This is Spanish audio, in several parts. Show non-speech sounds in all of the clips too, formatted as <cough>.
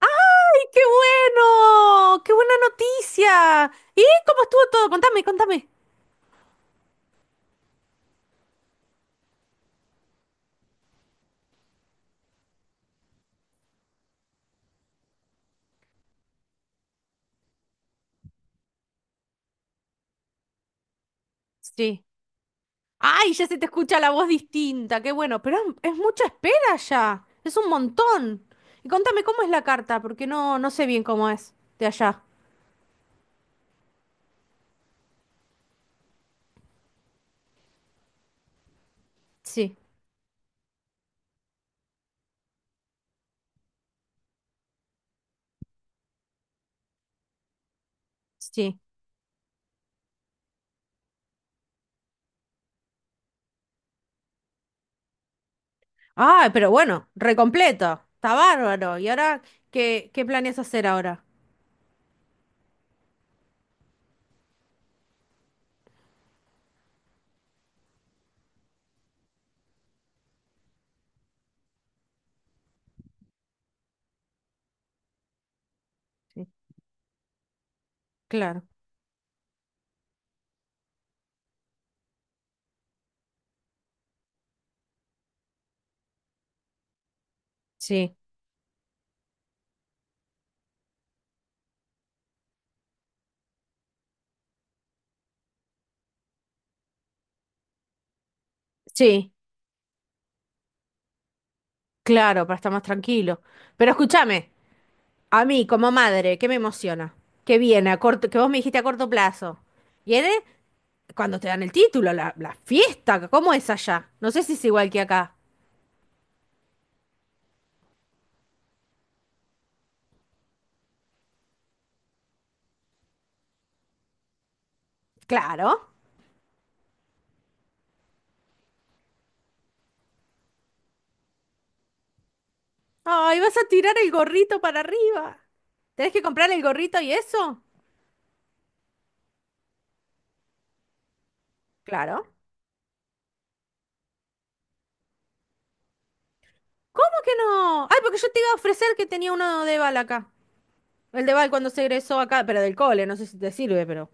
¡Ay, qué bueno! ¡Qué buena noticia! ¿Y cómo estuvo todo? Contame, contame. Sí. ¡Ay, ya se te escucha la voz distinta! ¡Qué bueno! Pero es mucha espera ya. Es un montón. Y contame cómo es la carta, porque no, no sé bien cómo es de allá. Sí, sí. ¡Ah, pero bueno! Recompleto. Está bárbaro. ¿Y ahora qué planeas hacer ahora? Sí, claro. Sí, sí. Claro, para estar más tranquilo. Pero escúchame, a mí como madre, ¿qué me emociona? Que viene a corto, que vos me dijiste a corto plazo. Viene cuando te dan el título, la fiesta. ¿Cómo es allá? No sé si es igual que acá. Claro. ¡Ay, vas a tirar el gorrito para arriba! ¿Tenés que comprar el gorrito y eso? Claro. ¿Cómo que no? Ay, porque yo te iba a ofrecer que tenía uno de bal acá. El de bal cuando se egresó acá, pero del cole, no sé si te sirve, pero.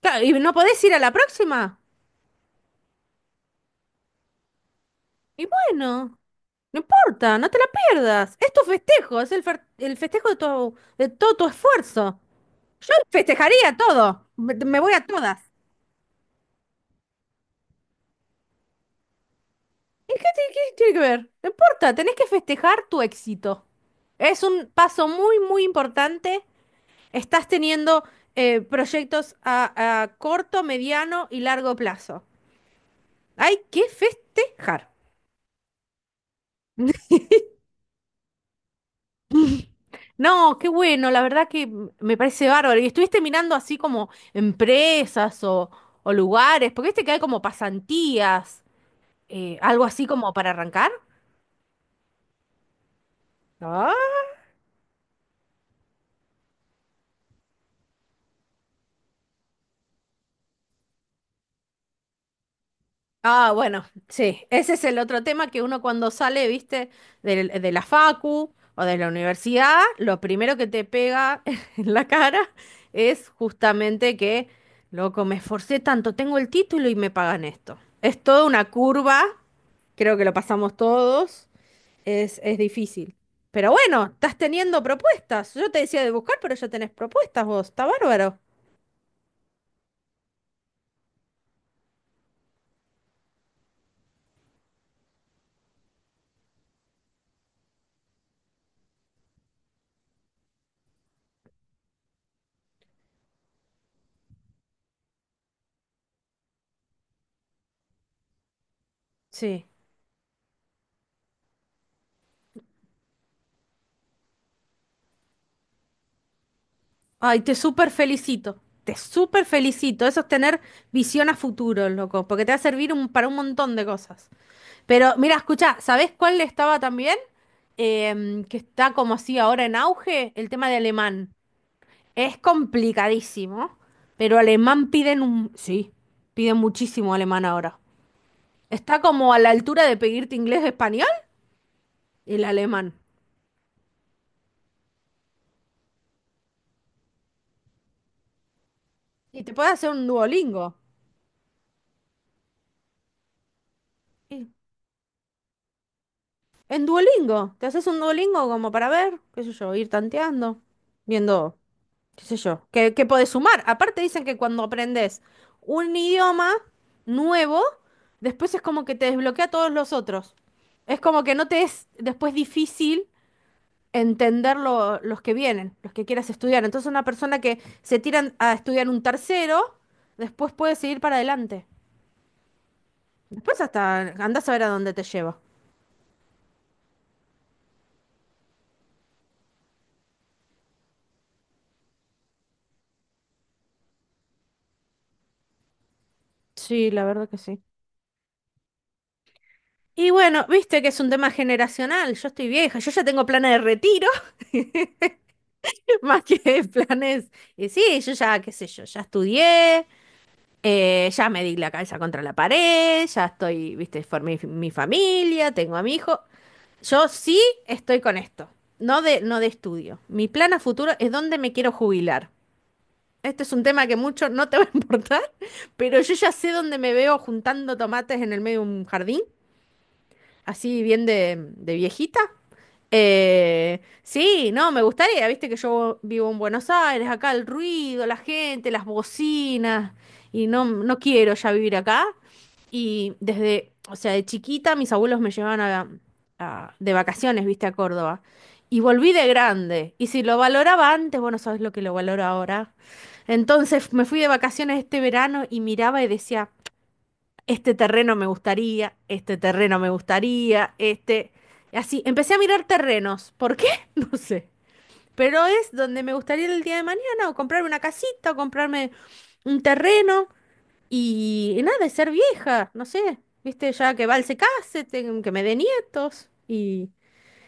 Claro, ¿y no podés ir a la próxima? Y bueno, no importa, no te la pierdas. Es tu festejo, es el festejo de tu, de todo tu esfuerzo. Yo festejaría todo. Me voy a todas. ¿Y qué tiene que ver? No importa, tenés que festejar tu éxito. Es un paso muy, muy importante. Estás teniendo proyectos a corto, mediano y largo plazo. Hay que festejar. <laughs> No, qué bueno, la verdad que me parece bárbaro. ¿Y estuviste mirando así como empresas o lugares? Porque viste que hay como pasantías, algo así como para arrancar. Ah, ah, bueno, sí, ese es el otro tema que uno cuando sale, viste, de la facu o de la universidad, lo primero que te pega <laughs> en la cara es justamente que, loco, me esforcé tanto, tengo el título y me pagan esto. Es toda una curva, creo que lo pasamos todos. Es difícil. Pero bueno, estás teniendo propuestas. Yo te decía de buscar, pero ya tenés propuestas vos. Está bárbaro. Sí. Ay, te súper felicito. Te súper felicito. Eso es tener visión a futuro, loco. Porque te va a servir para un montón de cosas. Pero mira, escucha, ¿sabés cuál estaba también? Que está como así ahora en auge. El tema de alemán. Es complicadísimo. Pero alemán piden un... Sí, piden muchísimo alemán ahora. Está como a la altura de pedirte inglés o español. El alemán. Y te puedes hacer un Duolingo. Y- En Duolingo. Te haces un Duolingo como para ver, qué sé yo, ir tanteando, viendo, qué sé yo, qué podés sumar. Aparte dicen que cuando aprendes un idioma nuevo, después es como que te desbloquea todos los otros. Es como que no te es después difícil entender los que vienen, los que quieras estudiar. Entonces una persona que se tira a estudiar un tercero, después puede seguir para adelante. Después hasta andás a ver a dónde te lleva. Sí, la verdad que sí. Y bueno, viste que es un tema generacional. Yo estoy vieja, yo ya tengo planes de retiro, <laughs> más que planes. Y sí, yo ya, qué sé yo, ya estudié, ya me di la cabeza contra la pared, ya estoy, viste, formé mi familia, tengo a mi hijo. Yo sí estoy con esto, no de estudio. Mi plan a futuro es dónde me quiero jubilar. Este es un tema que mucho no te va a <laughs> importar, pero yo ya sé dónde me veo juntando tomates en el medio de un jardín. Así bien de viejita. Sí, no, me gustaría, viste que yo vivo en Buenos Aires, acá el ruido, la gente, las bocinas, y no, no quiero ya vivir acá. Y desde, o sea, de chiquita mis abuelos me llevaban de vacaciones, viste, a Córdoba. Y volví de grande. Y si lo valoraba antes, bueno, sabes lo que lo valoro ahora. Entonces me fui de vacaciones este verano y miraba y decía, este terreno me gustaría, este terreno me gustaría, este... Y así, empecé a mirar terrenos. ¿Por qué? <laughs> No sé. Pero es donde me gustaría ir el día de mañana, o comprarme una casita, o comprarme un terreno, y nada, y ser vieja, no sé. Viste, ya que Val se case, que me dé nietos, y,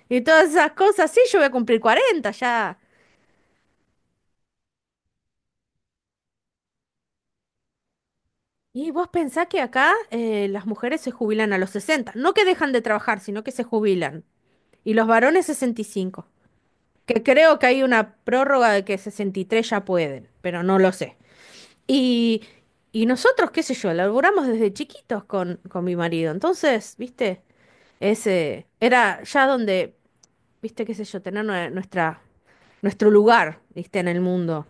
y todas esas cosas. Sí, yo voy a cumplir 40 ya. Y vos pensás que acá las mujeres se jubilan a los 60. No que dejan de trabajar, sino que se jubilan. Y los varones 65. Que creo que hay una prórroga de que 63 ya pueden, pero no lo sé. Y, y nosotros, qué sé yo, laburamos desde chiquitos con mi marido. Entonces, viste, ese era ya donde, viste, qué sé yo, tener nuestro lugar, viste, en el mundo.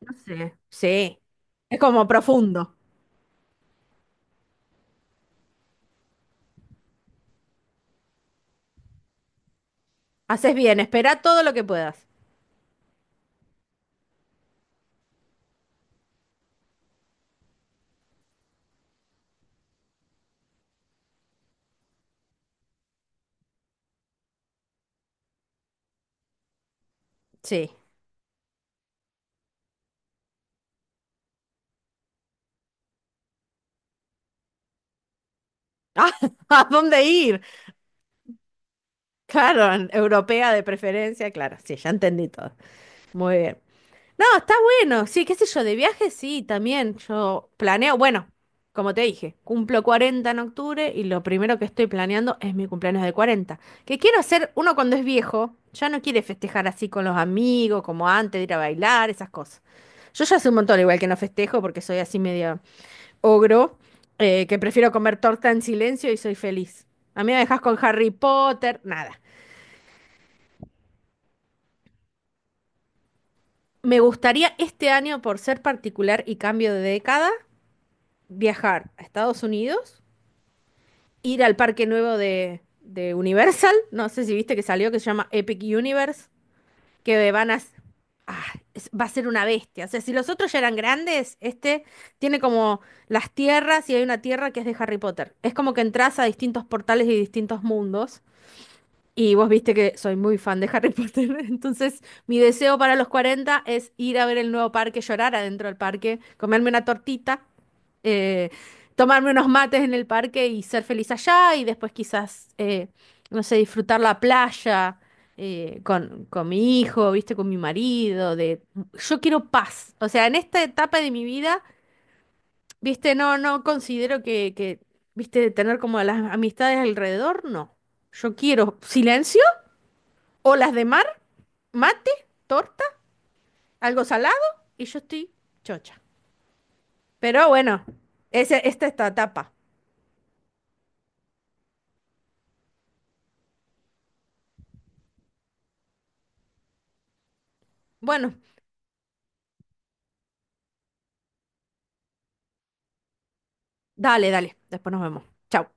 No sé. Sí. Es como profundo. Haces bien, espera todo lo que puedas. Sí. <laughs> Ah, ¿a dónde ir? Claro, europea de preferencia, claro, sí, ya entendí todo. Muy bien. No, está bueno. Sí, qué sé yo, de viaje sí, también. Yo planeo, bueno, como te dije, cumplo 40 en octubre y lo primero que estoy planeando es mi cumpleaños de 40. Que quiero hacer, uno cuando es viejo, ya no quiere festejar así con los amigos, como antes de ir a bailar, esas cosas. Yo ya hace un montón igual que no festejo porque soy así medio ogro, que prefiero comer torta en silencio y soy feliz. A mí me dejas con Harry Potter, nada. Me gustaría este año, por ser particular y cambio de década, viajar a Estados Unidos, ir al parque nuevo de Universal, no sé si viste que salió, que se llama Epic Universe, que van a... Ah, va a ser una bestia. O sea, si los otros ya eran grandes, este tiene como las tierras y hay una tierra que es de Harry Potter. Es como que entras a distintos portales y distintos mundos. Y vos viste que soy muy fan de Harry <laughs> Potter. Entonces, mi deseo para los 40 es ir a ver el nuevo parque, llorar adentro del parque, comerme una tortita eh, tomarme unos mates en el parque y ser feliz allá y después quizás, no sé, disfrutar la playa con mi hijo, viste, con mi marido, de yo quiero paz. O sea, en esta etapa de mi vida, viste, no, no considero que viste, tener como las amistades alrededor, no. Yo quiero silencio, olas de mar, mate, torta, algo salado y yo estoy chocha. Pero bueno, esa, esta es tu etapa. Bueno. Dale, dale. Después nos vemos. Chao.